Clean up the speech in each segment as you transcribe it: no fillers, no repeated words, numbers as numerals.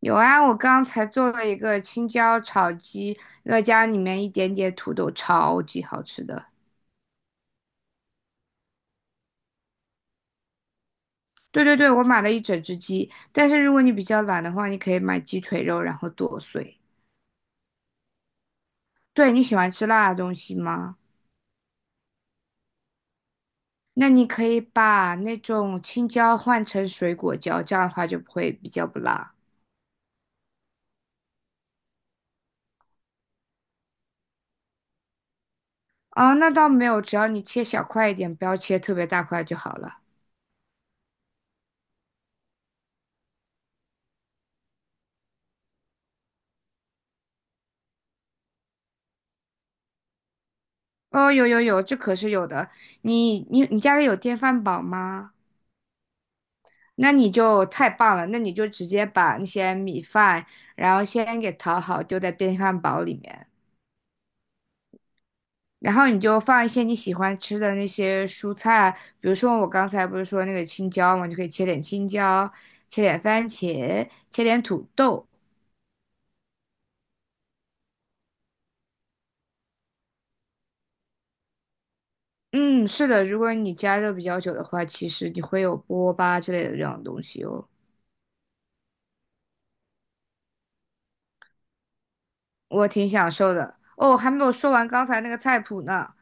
有啊，我刚才做了一个青椒炒鸡，那加里面一点点土豆，超级好吃的。对对对，我买了一整只鸡，但是如果你比较懒的话，你可以买鸡腿肉，然后剁碎。对，你喜欢吃辣的东西吗？那你可以把那种青椒换成水果椒，这样的话就不会比较不辣。啊，那倒没有，只要你切小块一点，不要切特别大块就好了。哦，有有有，这可是有的。你家里有电饭煲吗？那你就太棒了，那你就直接把那些米饭，然后先给淘好，丢在电饭煲里面，然后你就放一些你喜欢吃的那些蔬菜，比如说我刚才不是说那个青椒嘛，你就可以切点青椒，切点番茄，切点土豆。嗯，是的，如果你加热比较久的话，其实你会有锅巴之类的这种东西哦。我挺享受的。哦，还没有说完刚才那个菜谱呢。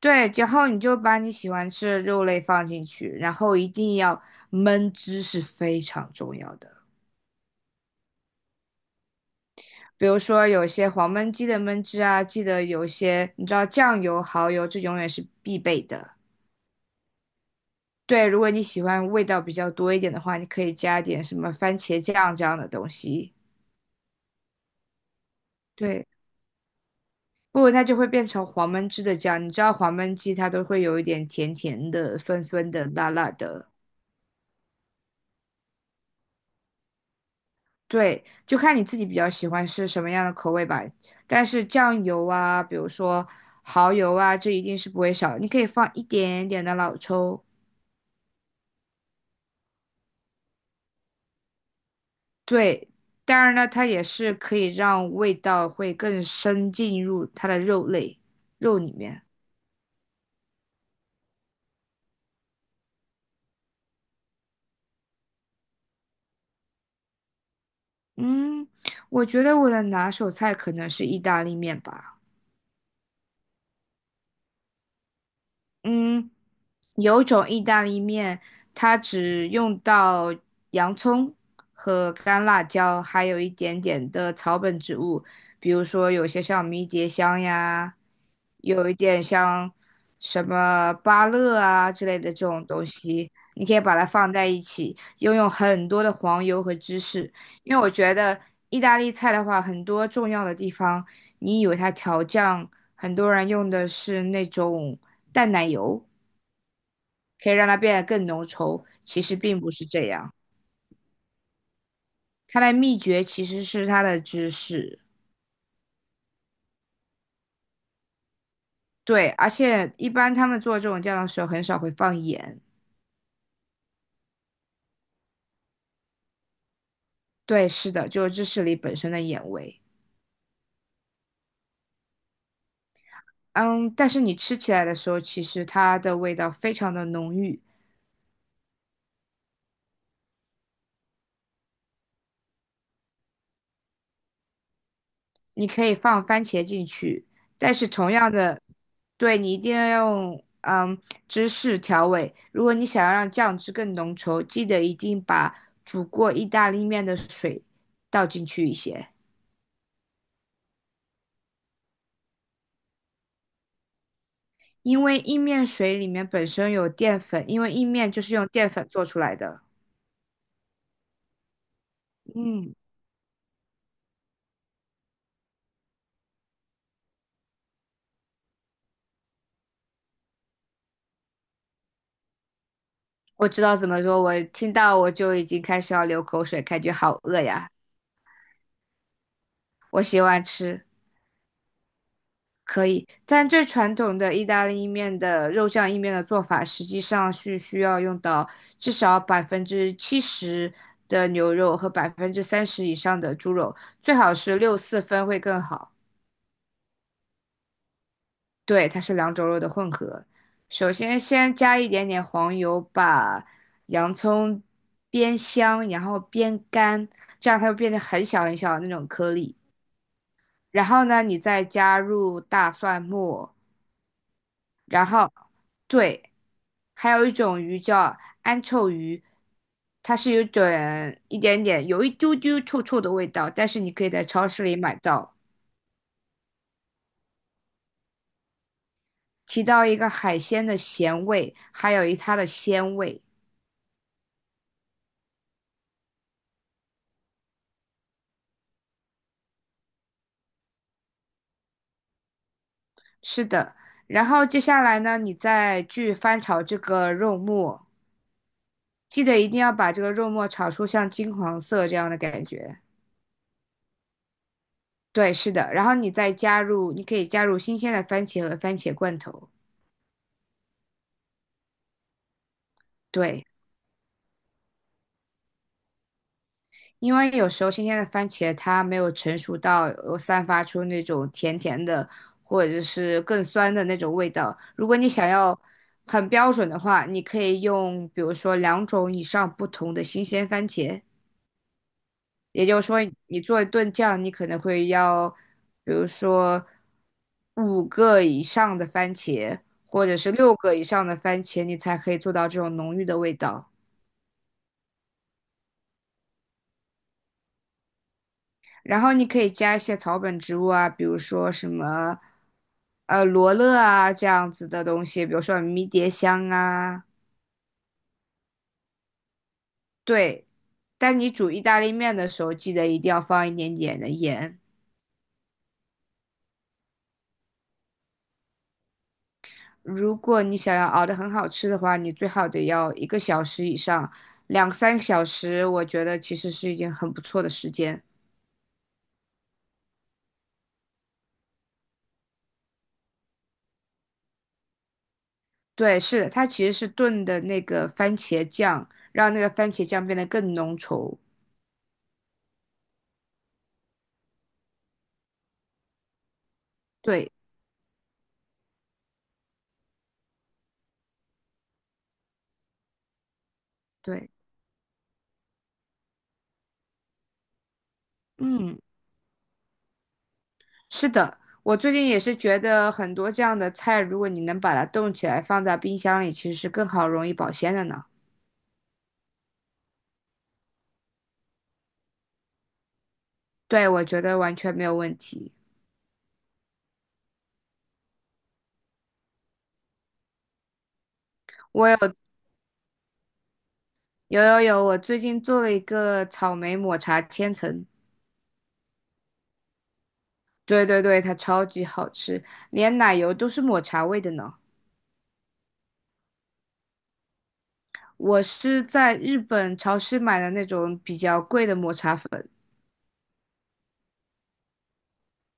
对，然后你就把你喜欢吃的肉类放进去，然后一定要焖汁是非常重要的。比如说有些黄焖鸡的焖汁啊，记得有些你知道酱油、蚝油，这永远是必备的。对，如果你喜欢味道比较多一点的话，你可以加点什么番茄酱这样的东西。对，不然它就会变成黄焖汁的酱。你知道黄焖鸡它都会有一点甜甜的、酸酸的、辣辣的。对，就看你自己比较喜欢是什么样的口味吧。但是酱油啊，比如说蚝油啊，这一定是不会少。你可以放一点点的老抽，对，当然呢，它也是可以让味道会更深进入它的肉类肉里面。嗯，我觉得我的拿手菜可能是意大利面吧。嗯，有一种意大利面，它只用到洋葱和干辣椒，还有一点点的草本植物，比如说有些像迷迭香呀，有一点像什么芭乐啊之类的这种东西，你可以把它放在一起，又用很多的黄油和芝士，因为我觉得意大利菜的话，很多重要的地方。你以为它调酱，很多人用的是那种淡奶油，可以让它变得更浓稠，其实并不是这样。它的秘诀其实是它的芝士，对，而且一般他们做这种酱的时候很少会放盐，对，是的，就是芝士里本身的盐味。嗯，但是你吃起来的时候，其实它的味道非常的浓郁。你可以放番茄进去，但是同样的，对你一定要用芝士调味。如果你想要让酱汁更浓稠，记得一定把煮过意大利面的水倒进去一些，因为意面水里面本身有淀粉，因为意面就是用淀粉做出来的。嗯，我知道怎么说，我听到我就已经开始要流口水，感觉好饿呀，我喜欢吃。可以，但最传统的意大利面的肉酱意面的做法，实际上是需要用到至少70%的牛肉和30%以上的猪肉，最好是六四分会更好。对，它是两种肉的混合。首先，先加一点点黄油，把洋葱煸香，然后煸干，这样它会变成很小很小的那种颗粒。然后呢，你再加入大蒜末。然后对，还有一种鱼叫安臭鱼，它是有种一点点有一丢丢臭臭的味道，但是你可以在超市里买到。提到一个海鲜的咸味，还有一它的鲜味，是的。然后接下来呢，你再去翻炒这个肉末，记得一定要把这个肉末炒出像金黄色这样的感觉。对，是的。然后你再加入，你可以加入新鲜的番茄和番茄罐头。对。因为有时候新鲜的番茄它没有成熟到有散发出那种甜甜的，或者是更酸的那种味道。如果你想要很标准的话，你可以用比如说两种以上不同的新鲜番茄。也就是说，你做一顿酱，你可能会要，比如说5个以上的番茄，或者是6个以上的番茄，你才可以做到这种浓郁的味道。然后你可以加一些草本植物啊，比如说什么罗勒啊这样子的东西，比如说迷迭香啊。对，但你煮意大利面的时候，记得一定要放一点点的盐。如果你想要熬得很好吃的话，你最好得要1个小时以上，两三个小时，我觉得其实是一件很不错的时间。对，是的，它其实是炖的那个番茄酱，让那个番茄酱变得更浓稠。对对，嗯。是的，我最近也是觉得很多这样的菜，如果你能把它冻起来放在冰箱里，其实是更好容易保鲜的呢。对，我觉得完全没有问题。我有，我最近做了一个草莓抹茶千层，对对对，它超级好吃，连奶油都是抹茶味的呢。我是在日本超市买的那种比较贵的抹茶粉，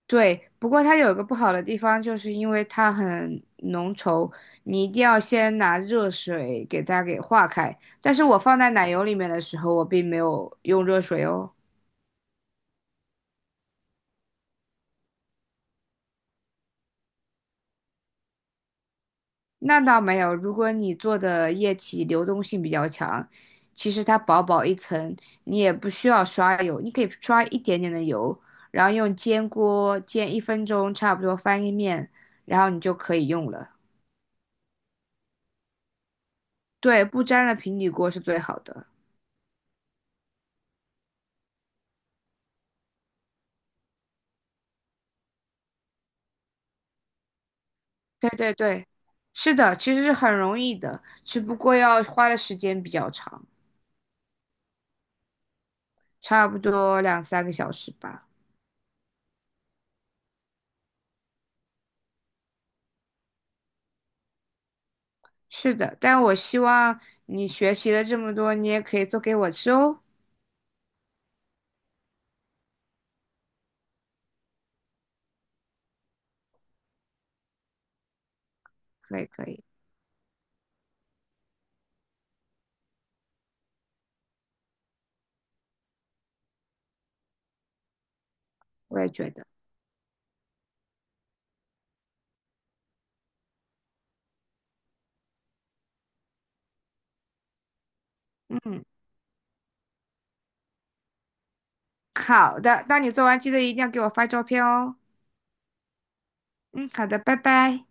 对，不过它有一个不好的地方，就是因为它很浓稠，你一定要先拿热水给它给化开。但是我放在奶油里面的时候，我并没有用热水哦。那倒没有，如果你做的液体流动性比较强，其实它薄薄一层，你也不需要刷油，你可以刷一点点的油，然后用煎锅煎1分钟，差不多翻一面，然后你就可以用了。对，不粘的平底锅是最好的。对对对，是的，其实是很容易的，只不过要花的时间比较长，差不多两三个小时吧。是的，但我希望你学习了这么多，你也可以做给我吃哦。可以可以，我也觉得，嗯，好的，那你做完记得一定要给我发照片哦。嗯，好的，拜拜。